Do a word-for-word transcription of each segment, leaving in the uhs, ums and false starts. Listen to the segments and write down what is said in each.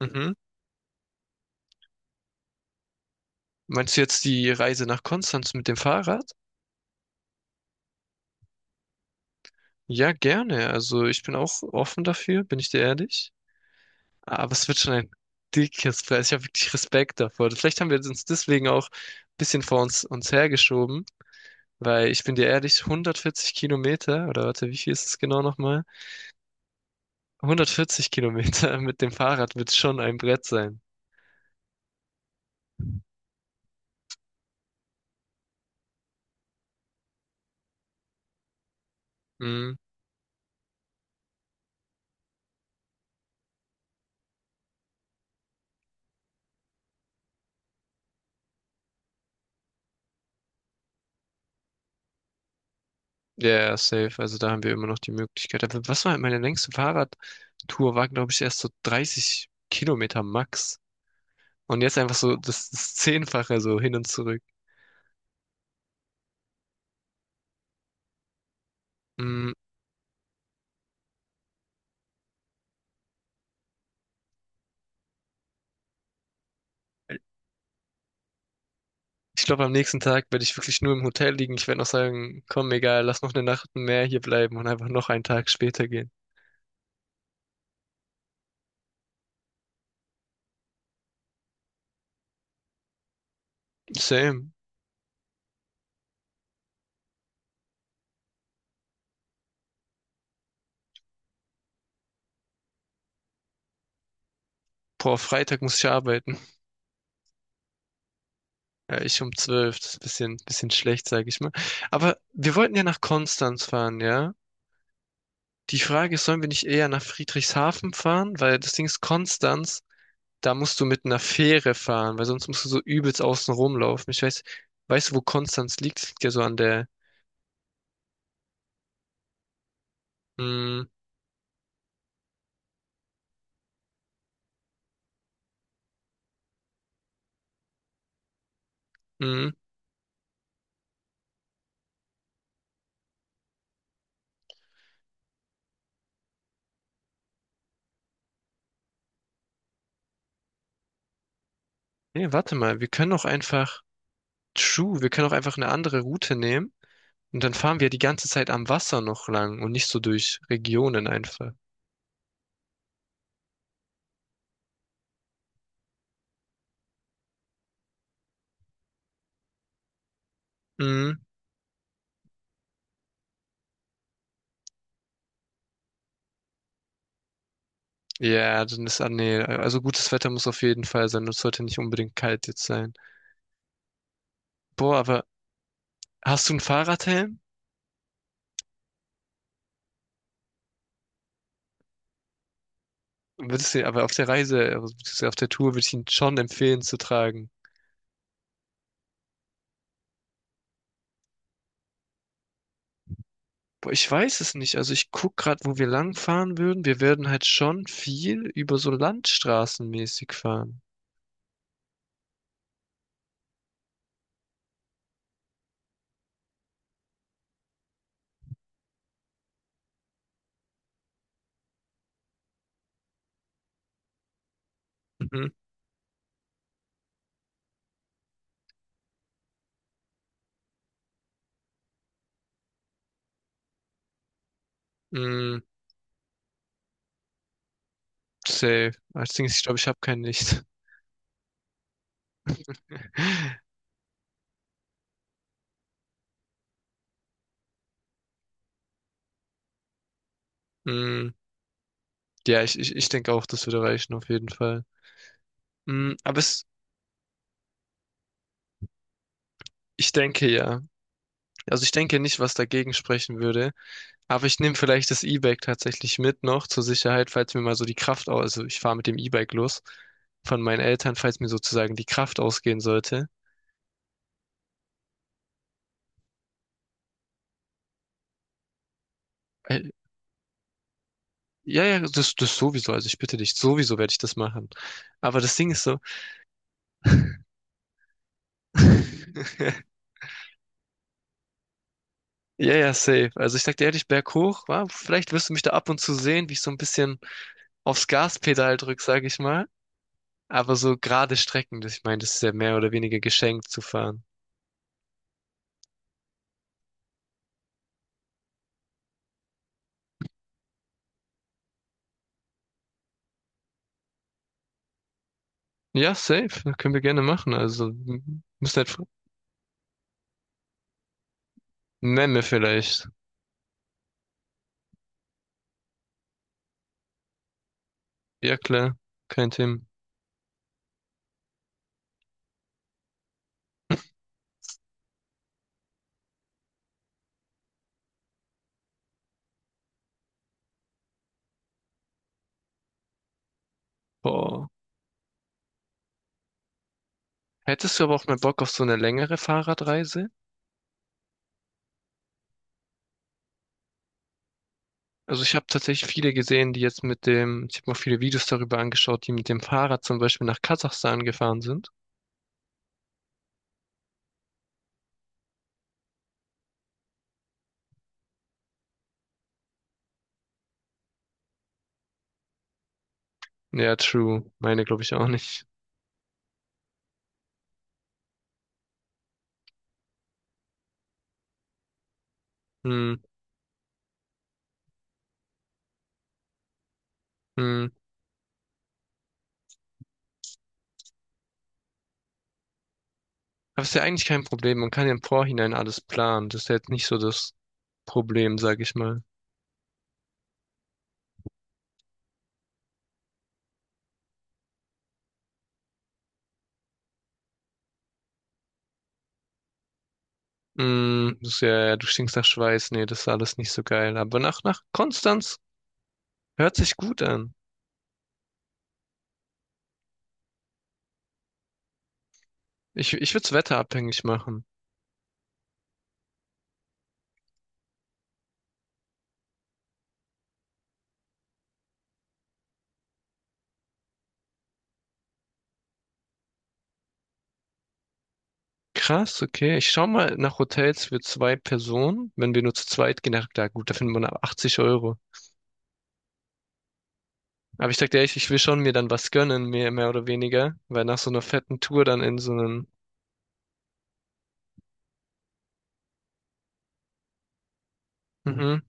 Mhm. Meinst du jetzt die Reise nach Konstanz mit dem Fahrrad? Ja, gerne. Also ich bin auch offen dafür, bin ich dir ehrlich. Aber es wird schon ein dickes Preis. Ich habe wirklich Respekt davor. Vielleicht haben wir uns deswegen auch ein bisschen vor uns, uns hergeschoben, weil ich bin dir ehrlich, hundertvierzig Kilometer, oder warte, wie viel ist es genau nochmal? hundertvierzig Kilometer mit dem Fahrrad wird schon ein Brett sein. Mhm. Ja, ja, safe. Also da haben wir immer noch die Möglichkeit. Aber was war meine längste Fahrradtour? War, glaube ich, erst so dreißig Kilometer max. Und jetzt einfach so das, das Zehnfache so hin und zurück. Mhm. Ich glaube, am nächsten Tag werde ich wirklich nur im Hotel liegen. Ich werde noch sagen, komm, egal, lass noch eine Nacht mehr hier bleiben und einfach noch einen Tag später gehen. Same. Boah, Freitag muss ich arbeiten. Ja, ich um zwölf, das ist ein bisschen, bisschen schlecht, sage ich mal. Aber wir wollten ja nach Konstanz fahren, ja? Die Frage ist, sollen wir nicht eher nach Friedrichshafen fahren? Weil das Ding ist, Konstanz, da musst du mit einer Fähre fahren, weil sonst musst du so übelst außen rumlaufen. Ich weiß, weißt du, wo Konstanz liegt? Es liegt ja so an der, mm, mm. Nee, warte mal, wir können auch einfach, true, wir können auch einfach eine andere Route nehmen und dann fahren wir die ganze Zeit am Wasser noch lang und nicht so durch Regionen einfach. Mm. Ja, dann ist, ah, nee, also gutes Wetter muss auf jeden Fall sein und es sollte nicht unbedingt kalt jetzt sein. Boah, aber hast du einen Fahrradhelm? Würdest du, aber auf der Reise, also beziehungsweise auf der Tour würde ich ihn schon empfehlen zu tragen. Boah, ich weiß es nicht. Also ich guck gerade, wo wir lang fahren würden. Wir werden halt schon viel über so Landstraßenmäßig fahren. Mhm. Mm, safe. Das Ding ist, ich glaube, ich habe kein Licht. Mm, ja, ich, ich, ich denke auch, das würde reichen auf jeden Fall. Mm, aber es, ich denke ja. Also ich denke nicht, was dagegen sprechen würde. Aber ich nehme vielleicht das E-Bike tatsächlich mit noch zur Sicherheit, falls mir mal so die Kraft aus, also ich fahre mit dem E-Bike los von meinen Eltern, falls mir sozusagen die Kraft ausgehen sollte. Äh, ja, ja, das, das sowieso. Also ich bitte dich, sowieso werde ich das machen. Aber das Ding ist so. Ja, ja, safe. Also ich sag dir ehrlich, berghoch, wa? Vielleicht wirst du mich da ab und zu sehen, wie ich so ein bisschen aufs Gaspedal drück, sag ich mal. Aber so gerade Strecken, das, ich meine, das ist ja mehr oder weniger geschenkt zu fahren. Ja, safe. Können wir gerne machen. Also, m- müssen halt fr- Memme vielleicht. Ja, klar. Kein Thema. Boah. Hättest du aber auch mal Bock auf so eine längere Fahrradreise? Also ich habe tatsächlich viele gesehen, die jetzt mit dem, ich habe mir auch viele Videos darüber angeschaut, die mit dem Fahrrad zum Beispiel nach Kasachstan gefahren sind. Ja, true. Meine glaube ich auch nicht. Hm, hm. Aber ist ja eigentlich kein Problem. Man kann ja im Vorhinein alles planen. Das ist ja jetzt nicht so das Problem, sag ich mal. Mm, das ist ja, ja, du stinkst nach Schweiß. Nee, das ist alles nicht so geil. Aber nach, nach Konstanz hört sich gut an. Ich, ich würde es wetterabhängig machen. Krass, okay. Ich schau mal nach Hotels für zwei Personen. Wenn wir nur zu zweit gehen, na klar, gut, da findet man ab achtzig Euro. Aber ich sag dir ehrlich, ich will schon mir dann was gönnen, mehr, mehr oder weniger. Weil nach so einer fetten Tour dann in so einem, mhm,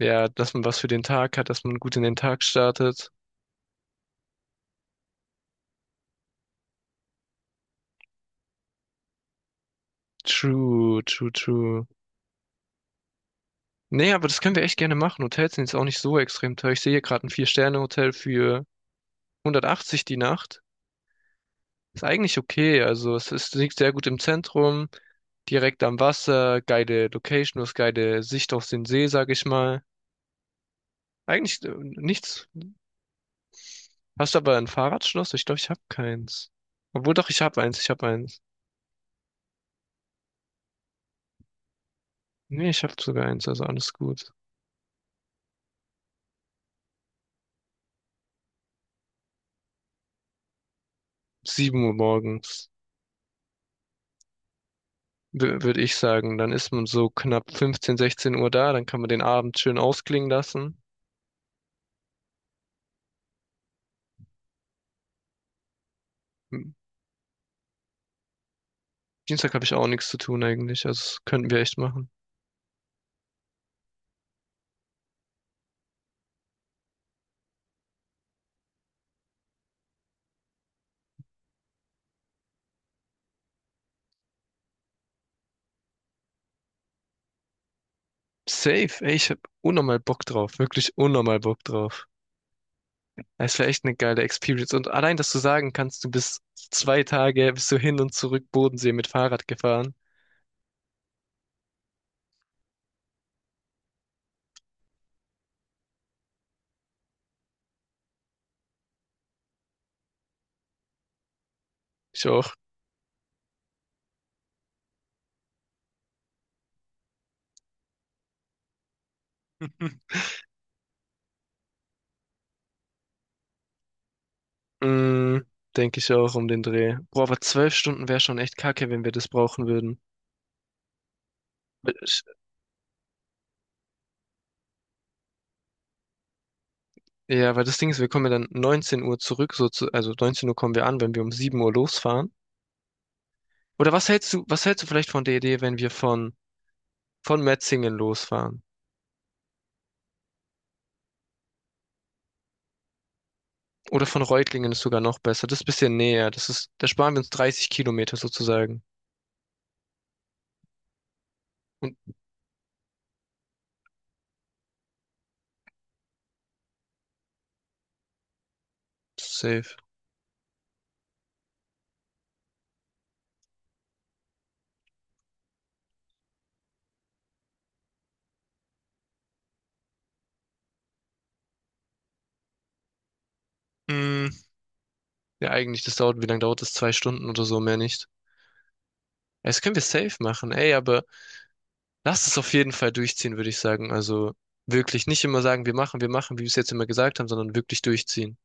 ja, dass man was für den Tag hat, dass man gut in den Tag startet. True, true, true. Nee, aber das können wir echt gerne machen. Hotels sind jetzt auch nicht so extrem teuer. Ich sehe hier gerade ein Vier-Sterne-Hotel für hundertachtzig die Nacht. Ist eigentlich okay. Also es ist, liegt sehr gut im Zentrum, direkt am Wasser, geile Location, du hast geile Sicht auf den See, sag ich mal. Eigentlich äh, nichts. Hast du aber ein Fahrradschloss? Ich glaube, ich habe keins. Obwohl doch, ich habe eins, ich habe eins. Nee, ich habe sogar eins, also alles gut. Sieben Uhr morgens, würde ich sagen. Dann ist man so knapp fünfzehn, sechzehn Uhr da, dann kann man den Abend schön ausklingen lassen. Hm, Dienstag habe ich auch nichts zu tun eigentlich. Also das könnten wir echt machen. Safe, ey, ich habe unnormal Bock drauf. Wirklich unnormal Bock drauf. Es wäre echt eine geile Experience. Und allein, dass du sagen kannst, du bist zwei Tage, bist du hin und zurück Bodensee mit Fahrrad gefahren. Ich auch. Mm, Denke ich auch um den Dreh. Boah, aber zwölf Stunden wäre schon echt kacke, wenn wir das brauchen würden. Weil ich- Ja, weil das Ding ist, wir kommen ja dann neunzehn Uhr zurück, so zu, also neunzehn Uhr kommen wir an, wenn wir um sieben Uhr losfahren. Oder was hältst du, was hältst du vielleicht von der Idee, wenn wir von von Metzingen losfahren. Oder von Reutlingen ist sogar noch besser. Das ist ein bisschen näher. Das ist, da sparen wir uns dreißig Kilometer sozusagen. Und safe. Mm, ja, eigentlich, das dauert, wie lange dauert das? Zwei Stunden oder so, mehr nicht. Ja, das können wir safe machen, ey, aber lass es auf jeden Fall durchziehen, würde ich sagen. Also wirklich nicht immer sagen, wir machen, wir machen, wie wir es jetzt immer gesagt haben, sondern wirklich durchziehen.